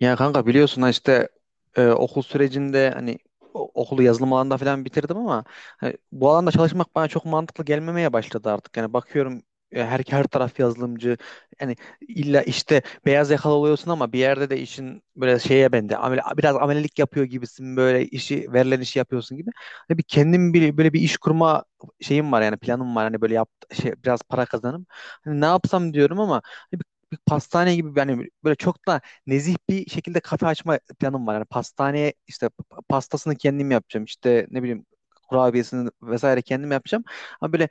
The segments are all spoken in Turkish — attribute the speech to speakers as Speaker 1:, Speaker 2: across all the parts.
Speaker 1: Ya kanka biliyorsun ha işte okul sürecinde hani okulu yazılım alanında falan bitirdim ama hani bu alanda çalışmak bana çok mantıklı gelmemeye başladı artık. Yani bakıyorum, her taraf yazılımcı. Yani illa işte beyaz yakalı oluyorsun ama bir yerde de işin böyle şeye bende amele, biraz amelelik yapıyor gibisin, böyle işi verilen işi yapıyorsun gibi. Hani bir kendim bir böyle bir iş kurma şeyim var, yani planım var hani böyle yap şey biraz para kazanım. Hani ne yapsam diyorum ama hani bir pastane gibi, yani böyle çok da nezih bir şekilde kafe açma planım var. Yani pastaneye işte pastasını kendim yapacağım. İşte ne bileyim kurabiyesini vesaire kendim yapacağım. Ama böyle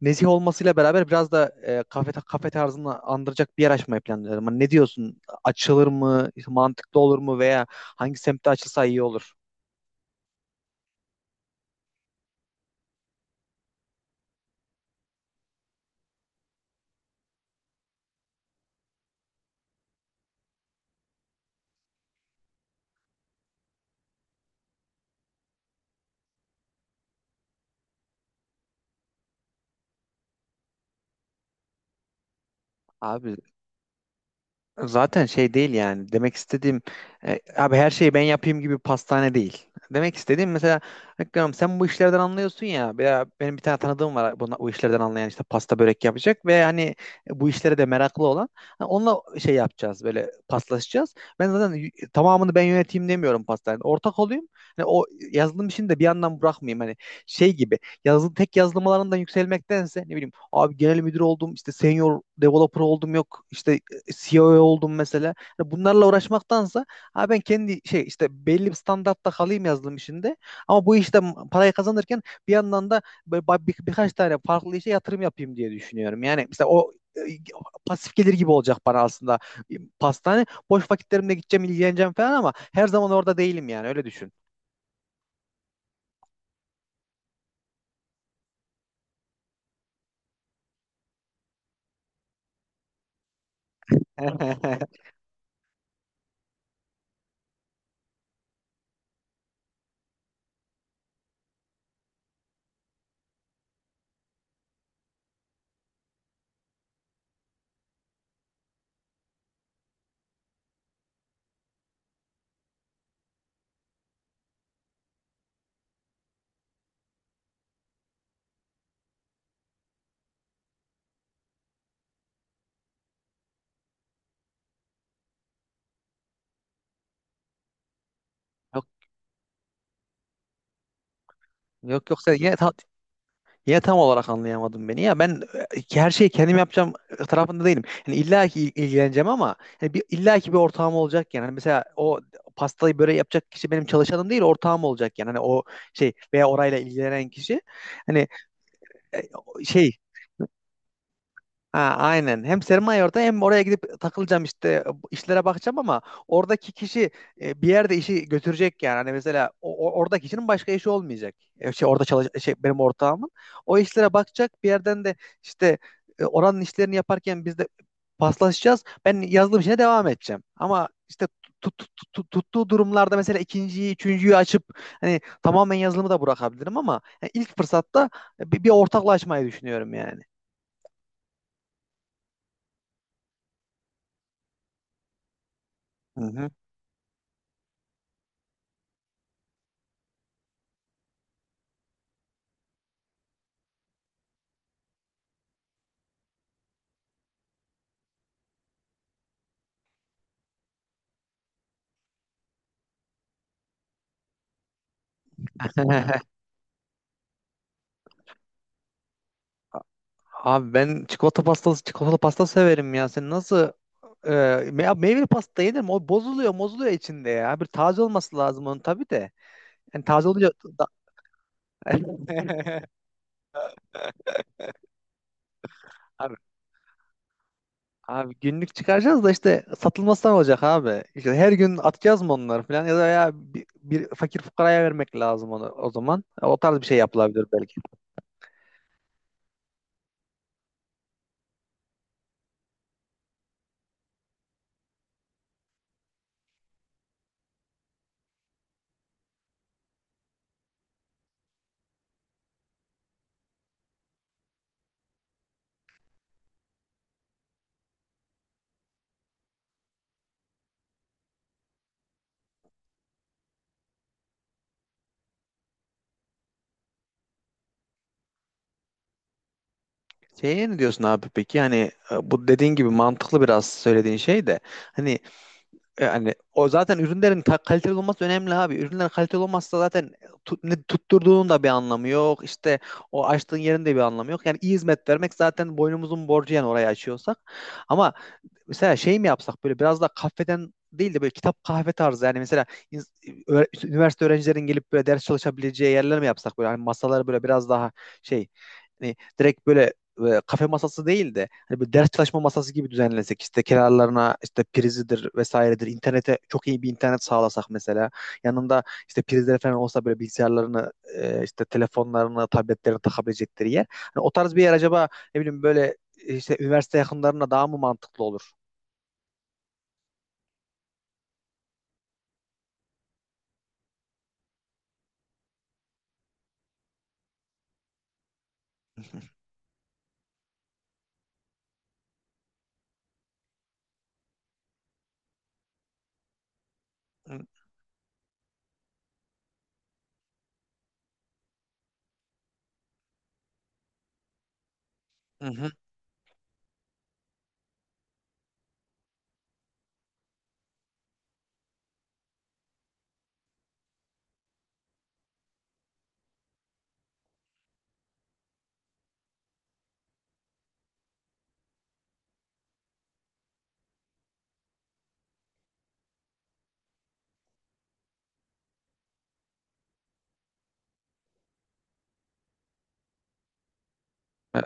Speaker 1: nezih olmasıyla beraber biraz da kafe tarzını andıracak bir yer açmayı planlıyorum. Hani ne diyorsun? Açılır mı? İşte mantıklı olur mu? Veya hangi semtte açılsa iyi olur? Abi, zaten şey değil, yani demek istediğim, abi her şeyi ben yapayım gibi pastane değil. Demek istediğim mesela Hakkı'm sen bu işlerden anlıyorsun ya, veya benim bir tane tanıdığım var buna, bu işlerden anlayan, işte pasta börek yapacak ve hani bu işlere de meraklı olan. Ha, onunla şey yapacağız, böyle paslaşacağız. Ben zaten tamamını ben yöneteyim demiyorum, pastanede ortak olayım. Hani o yazılım işini de bir yandan bırakmayayım, hani şey gibi, yazılım tek yazılım alanından yükselmektense ne bileyim abi, genel müdür oldum, işte senior developer oldum, yok işte CEO oldum mesela. Hani bunlarla uğraşmaktansa ha ben kendi şey işte belli bir standartta kalayım yazılım işinde. Ama bu işte parayı kazanırken bir yandan da böyle birkaç tane farklı işe yatırım yapayım diye düşünüyorum. Yani mesela o pasif gelir gibi olacak bana aslında, pastane. Boş vakitlerimde gideceğim, ilgileneceğim falan, ama her zaman orada değilim, yani öyle düşün. Yok, yok, yok, sen yine yine tam olarak anlayamadım beni ya. Ben her şeyi kendim yapacağım tarafında değilim. Yani illa ki ilgileneceğim ama hani illa ki bir ortağım olacak yani. Hani mesela o pastayı böreği yapacak kişi benim çalışanım değil, ortağım olacak yani. Hani o şey, veya orayla ilgilenen kişi. Hani e, o şey Ha, aynen. Hem sermaye orada, hem oraya gidip takılacağım, işte işlere bakacağım, ama oradaki kişi bir yerde işi götürecek yani. Hani mesela oradaki kişinin başka işi olmayacak. Şey, orada çalış şey, benim ortağımın. O işlere bakacak, bir yerden de işte, oranın işlerini yaparken biz de paslaşacağız. Ben yazdığım işine devam edeceğim. Ama işte tuttuğu durumlarda mesela ikinciyi, üçüncüyü açıp hani tamamen yazılımı da bırakabilirim, ama yani ilk fırsatta bir ortaklaşmayı düşünüyorum yani. Hı hı. Abi ben çikolata pastası, çikolata pasta severim ya. Sen nasıl e, ya meyveli pasta yenir? O bozuluyor, bozuluyor içinde ya. Bir taze olması lazım onun tabii de. Yani taze olunca da- abi, abi günlük çıkaracağız da işte satılmasından olacak abi. İşte her gün atacağız mı onları falan, ya da ya bir fakir fukaraya vermek lazım onu o zaman. O tarz bir şey yapılabilir belki. Şeye ne diyorsun abi peki? Hani bu dediğin gibi mantıklı biraz söylediğin şey de, hani, yani o zaten ürünlerin kaliteli olması önemli abi. Ürünler kaliteli olmazsa zaten tut, ne tutturduğunun da bir anlamı yok. İşte o açtığın yerin de bir anlamı yok. Yani iyi hizmet vermek zaten boynumuzun borcu yani, orayı açıyorsak. Ama mesela şey mi yapsak, böyle biraz da kafeden değil de böyle kitap kahve tarzı, yani mesela ins- üniversite öğrencilerin gelip böyle ders çalışabileceği yerler mi yapsak, böyle hani masaları böyle biraz daha şey, hani direkt böyle kafe masası değil de hani böyle ders çalışma masası gibi düzenlesek, işte kenarlarına işte prizidir vesairedir, internete çok iyi bir internet sağlasak mesela, yanında işte prizler falan olsa, böyle bilgisayarlarını işte telefonlarını, tabletlerini takabilecekleri yer, hani o tarz bir yer acaba, ne bileyim böyle, işte üniversite yakınlarına daha mı mantıklı olur? Hı hı. Hı. E,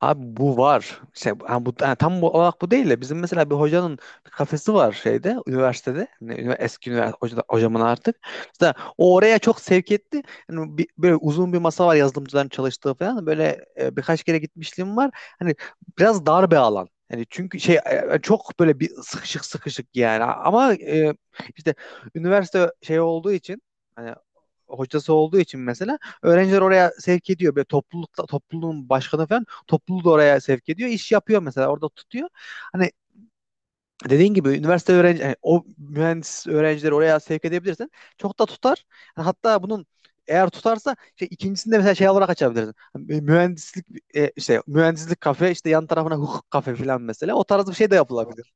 Speaker 1: Abi bu var. Şey, ha, bu, ha, tam bu olarak bu değil de, bizim mesela bir hocanın bir kafesi var şeyde, üniversitede. Hani eski üniversite hocamın artık. Mesela o oraya çok sevk etti. Hani böyle uzun bir masa var, yazılımcıların çalıştığı falan. Böyle birkaç kere gitmişliğim var. Hani biraz dar bir alan. Yani çünkü şey, çok böyle bir sıkışık sıkışık yani. Ama işte üniversite şey olduğu için hani hocası olduğu için mesela öğrenciler oraya sevk ediyor. Böyle toplulukta topluluğun başkanı falan topluluğu da oraya sevk ediyor. İş yapıyor mesela, orada tutuyor. Hani dediğin gibi üniversite öğrenci, yani o mühendis öğrencileri oraya sevk edebilirsen çok da tutar. Yani hatta bunun eğer tutarsa şey, ikincisinde mesela şey olarak açabilirsin. Hani mühendislik, işte mühendislik kafe, işte yan tarafına hukuk kafe falan, mesela o tarz bir şey de yapılabilir.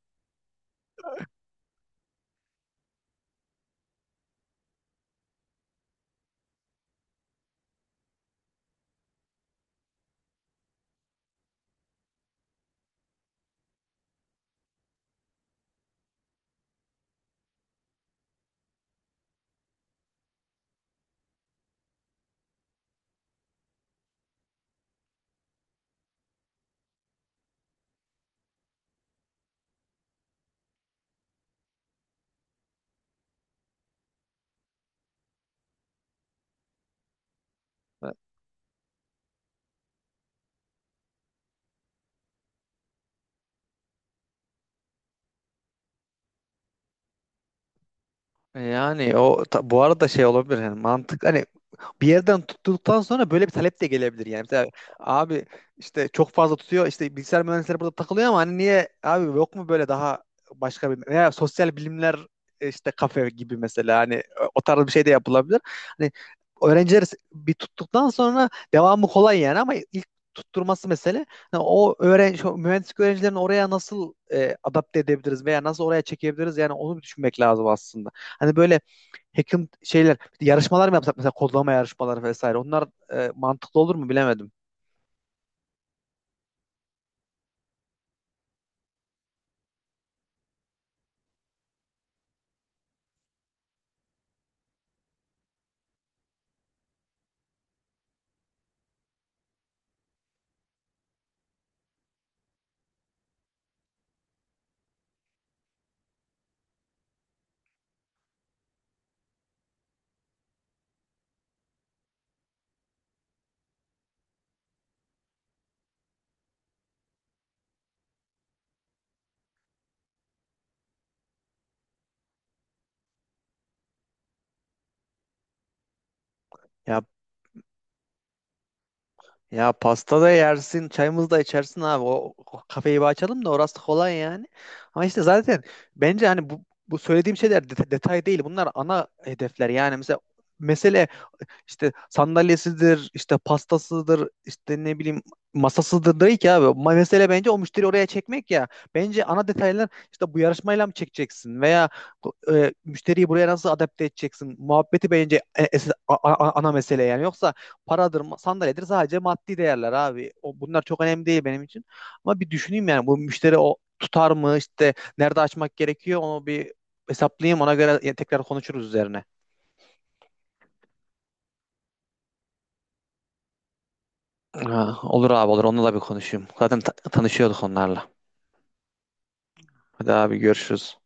Speaker 1: Yani o bu arada şey olabilir yani, mantık hani bir yerden tuttuktan sonra böyle bir talep de gelebilir yani. Mesela abi işte çok fazla tutuyor, işte bilgisayar mühendisleri burada takılıyor ama hani niye abi yok mu böyle daha başka bir, veya sosyal bilimler işte kafe gibi mesela, hani o tarz bir şey de yapılabilir. Hani öğrenciler bir tuttuktan sonra devamı kolay yani, ama ilk tutturması mesele. Yani o öğrenci, o mühendislik öğrencilerini oraya nasıl adapte edebiliriz veya nasıl oraya çekebiliriz, yani onu bir düşünmek lazım aslında. Hani böyle hacking şeyler, yarışmalar mı yapsak mesela, kodlama yarışmaları vesaire. Onlar mantıklı olur mu bilemedim. Ya, ya pasta da yersin, çayımızı da içersin abi. O, o kafeyi bir açalım da orası kolay yani. Ama işte zaten bence hani bu söylediğim şeyler detay değil. Bunlar ana hedefler. Yani mesela mesele işte sandalyesidir, işte pastasıdır, işte ne bileyim masasıdır değil ki abi. Mesele bence o müşteri oraya çekmek ya. Bence ana detaylar işte bu yarışmayla mı çekeceksin, veya müşteriyi buraya nasıl adapte edeceksin? Muhabbeti bence ana mesele yani. Yoksa paradır, sandalyedir, sadece maddi değerler abi. O, bunlar çok önemli değil benim için. Ama bir düşüneyim yani, bu müşteri o tutar mı, işte nerede açmak gerekiyor onu bir hesaplayayım, ona göre tekrar konuşuruz üzerine. Ha, olur abi olur. Onunla da bir konuşayım. Zaten tanışıyorduk onlarla. Hadi abi görüşürüz.